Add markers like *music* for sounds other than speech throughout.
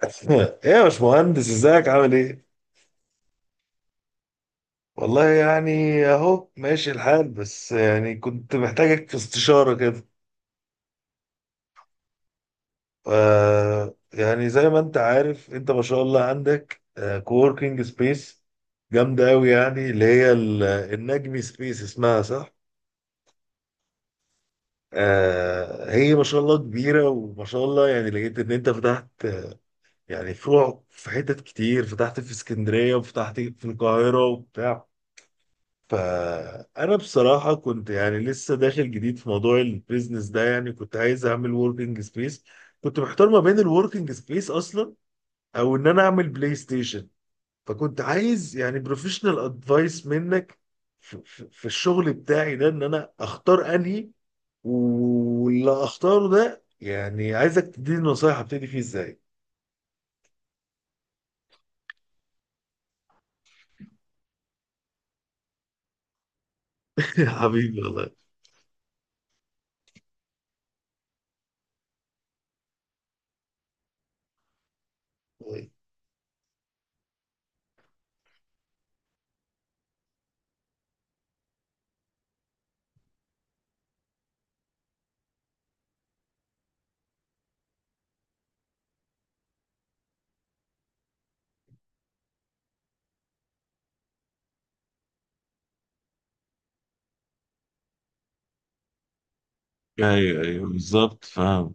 *laughs* ايه يا باشمهندس، ازيك؟ عامل ايه؟ والله يعني اهو ماشي الحال، بس كنت محتاجك في استشارة كده. ف- يعني زي ما انت عارف، انت ما شاء الله عندك كووركينج سبيس جامدة قوي، يعني اللي هي النجمي سبيس اسمها، صح؟ آه، هي ما شاء الله كبيرة، وما شاء الله يعني لقيت ان انت فتحت، يعني فروع في حتت كتير، فتحت في اسكندرية وفتحت في القاهرة وبتاع. فانا بصراحه كنت يعني لسه داخل جديد في موضوع البيزنس ده، يعني كنت عايز اعمل وركينج سبيس. كنت محتار ما بين الوركينج سبيس اصلا او ان انا اعمل بلاي ستيشن. فكنت عايز يعني بروفيشنال ادفايس منك في الشغل بتاعي ده، ان انا اختار انهي، واللي اختاره ده يعني عايزك تديني نصايح ابتدي فيه ازاي. *laughs* حبيبي والله. ايوه، ايوه، بالظبط فاهم.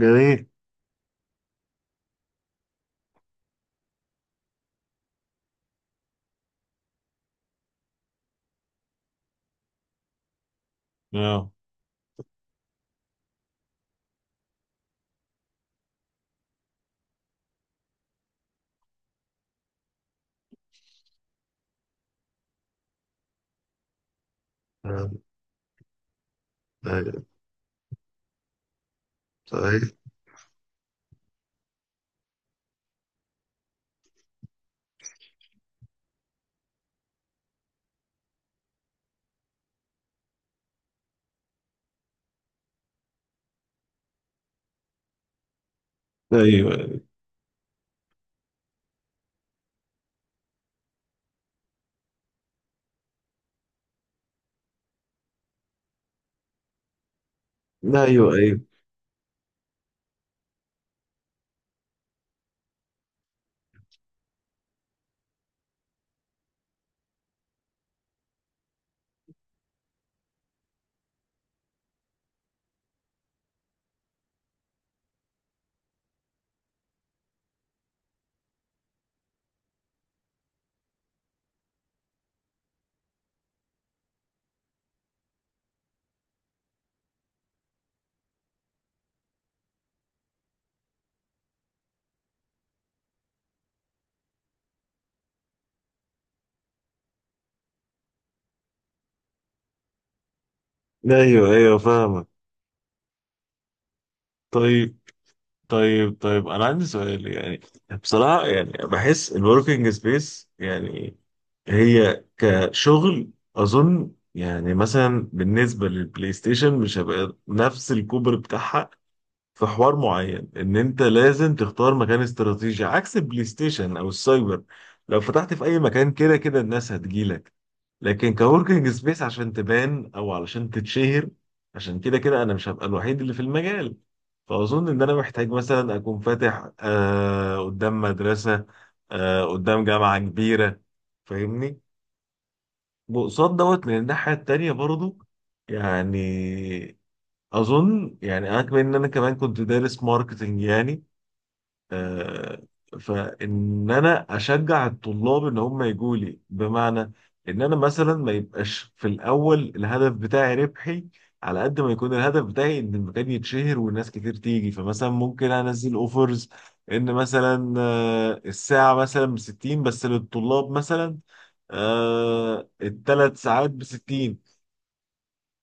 جميل. اه. آه. آه. صحيح. ايوه، ايوه. ايوه، ايوه، ايوه فاهمك. طيب. طيب، طيب، انا عندي سؤال يعني. بصراحه يعني بحس الوركينج سبيس يعني هي كشغل، اظن يعني مثلا بالنسبه للبلاي ستيشن مش هيبقى نفس الكوبر بتاعها في حوار معين. ان انت لازم تختار مكان استراتيجي عكس البلاي ستيشن او السايبر. لو فتحت في اي مكان كده كده الناس هتجيلك، لكن كوركينج سبيس عشان تبان او علشان تتشهر، عشان كده كده انا مش هبقى الوحيد اللي في المجال. فاظن ان انا محتاج مثلا اكون فاتح آه قدام مدرسة، آه قدام جامعة كبيرة، فاهمني؟ وقصاد دوت من الناحية التانية برضو. يعني اظن يعني انا كمان، ان انا كمان كنت دارس ماركتنج يعني. آه، فان انا اشجع الطلاب ان هم يجوا لي، بمعنى ان انا مثلا ما يبقاش في الاول الهدف بتاعي ربحي، على قد ما يكون الهدف بتاعي ان المكان يتشهر والناس كتير تيجي. فمثلا ممكن انزل اوفرز، ان مثلا الساعة مثلا ب 60 بس للطلاب مثلا، آه الثلاث ساعات ب 60.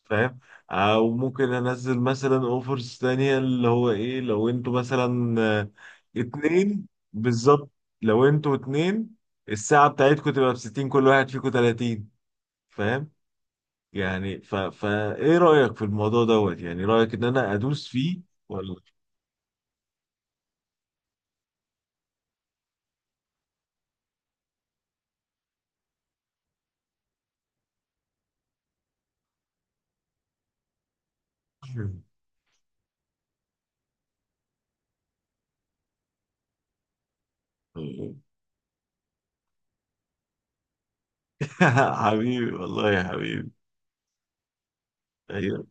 فاهم؟ او ممكن انزل مثلا اوفرز تانية، اللي هو ايه لو انتوا مثلا آه، اتنين، بالظبط. لو انتوا اتنين الساعة بتاعتكم تبقى بستين، كل واحد فيكم تلاتين. فاهم؟ يعني فا ايه رأيك في الموضوع دوت؟ يعني رأيك ان انا ادوس فيه ولا؟ *laughs* حبيبي والله، يا حبيبي. ايوه،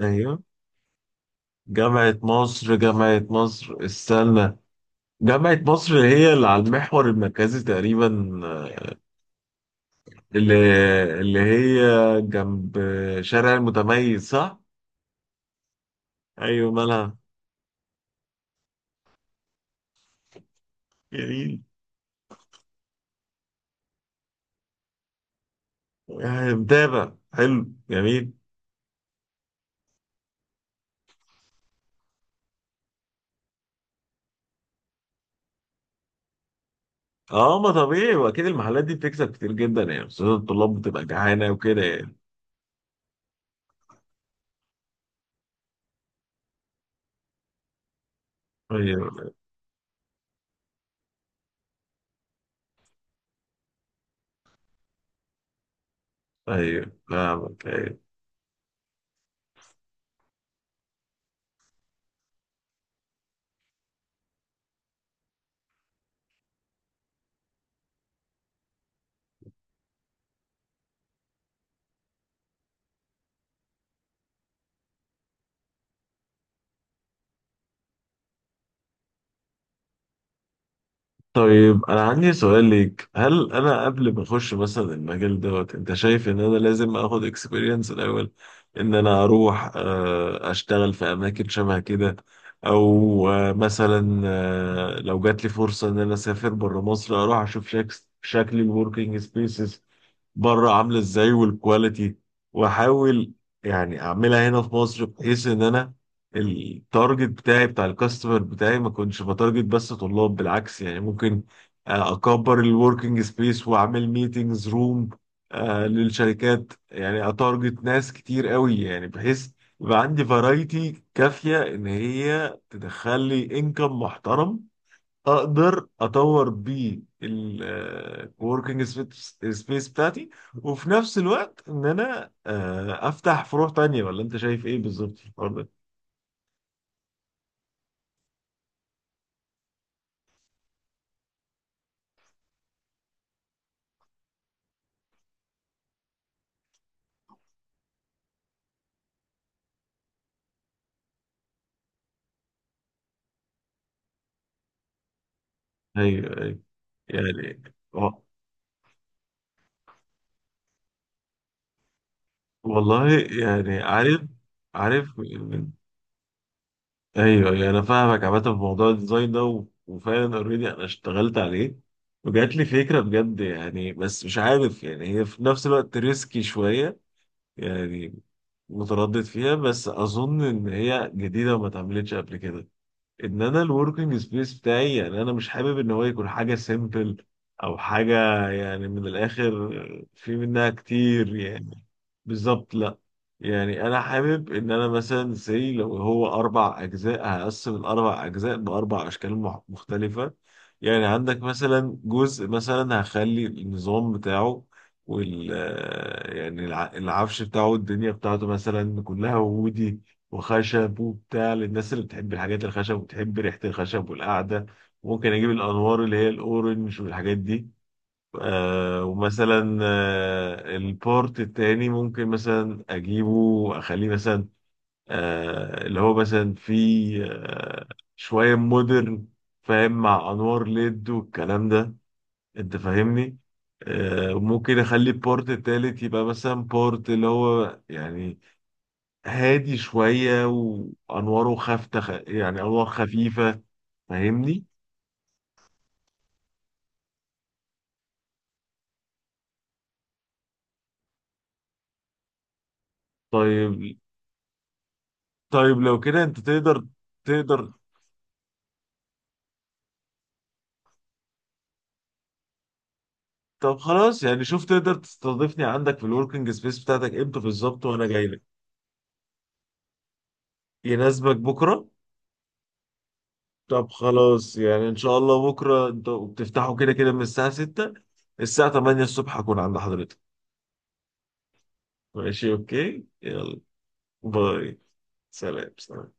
ايوه. جامعة مصر؟ جامعة مصر، استنى. جامعة مصر هي اللي على المحور المركزي تقريبا، اللي اللي هي جنب شارع المتميز، صح؟ ايوه، مالها؟ جميل. يعني متابع، حلو، جميل. اه ما طبيعي، واكيد المحلات دي بتكسب كتير جدا يعني، خصوصا الطلاب بتبقى جعانه وكده يعني. ايوه، ايوه فاهمك. ايوه. طيب انا عندي سؤال ليك: هل انا قبل ما اخش مثلا المجال دوت، انت شايف ان انا لازم اخد اكسبيرينس الاول؟ ان انا اروح اشتغل في اماكن شبه كده، او مثلا لو جات لي فرصة ان انا اسافر بره مصر، اروح اشوف شكل الوركينج سبيسز بره عاملة ازاي، والكواليتي، واحاول يعني اعملها هنا في مصر، بحيث ان انا التارجت بتاعي بتاع الكاستمر بتاعي ما كنتش بتارجت بس طلاب، بالعكس يعني ممكن اكبر الوركينج سبيس واعمل ميتينجز روم للشركات، يعني اتارجت ناس كتير قوي، يعني بحيث يبقى عندي فرايتي كافية ان هي تدخل لي انكم محترم، اقدر اطور بيه الوركينج سبيس بتاعتي. وفي نفس الوقت ان انا افتح فروع تانية. ولا انت شايف ايه بالظبط في الحوار ده؟ ايوه يعني. و- والله يعني عارف، عارف ايوه يعني انا فاهمك. عامه في موضوع الديزاين ده وفعلا اوريدي انا اشتغلت عليه، وجات لي فكره بجد يعني. بس مش عارف، يعني هي في نفس الوقت ريسكي شويه يعني، متردد فيها. بس اظن ان هي جديده وما اتعملتش قبل كده. ان انا الوركينج سبيس بتاعي يعني انا مش حابب ان هو يكون حاجه سيمبل، او حاجه يعني من الاخر، في منها كتير يعني. بالظبط، لا. يعني انا حابب ان انا مثلا زي لو هو اربع اجزاء، هقسم الاربع اجزاء باربع اشكال مختلفه. يعني عندك مثلا جزء مثلا هخلي النظام بتاعه، وال... يعني العفش بتاعه الدنيا بتاعته مثلا كلها وودي وخشب وبتاع، للناس اللي بتحب الحاجات الخشب وبتحب ريحة الخشب والقعدة. ممكن أجيب الأنوار اللي هي الأورنج والحاجات دي. آه ومثلا آه البورت التاني ممكن مثلا أجيبه وأخليه مثلا آه اللي هو مثلا فيه آه شوية مودرن، فاهم، مع أنوار ليد والكلام ده. أنت فاهمني؟ آه، ممكن اخلي البورت التالت يبقى مثلا بورت اللي هو يعني هادي شوية وأنواره خافتة، يعني أنوار خفيفة. فاهمني؟ طيب. طيب لو كده أنت تقدر، تقدر. طب خلاص، يعني شوف تقدر تستضيفني عندك في الوركينج سبيس بتاعتك امتى بالظبط، وأنا جاي لك. يناسبك بكرة؟ طب خلاص، يعني إن شاء الله بكرة أنتوا بتفتحوا كده كده من الساعة 6، الساعة 8 الصبح هكون عند حضرتك. ماشي أوكي؟ يلا. باي. سلام، سلام.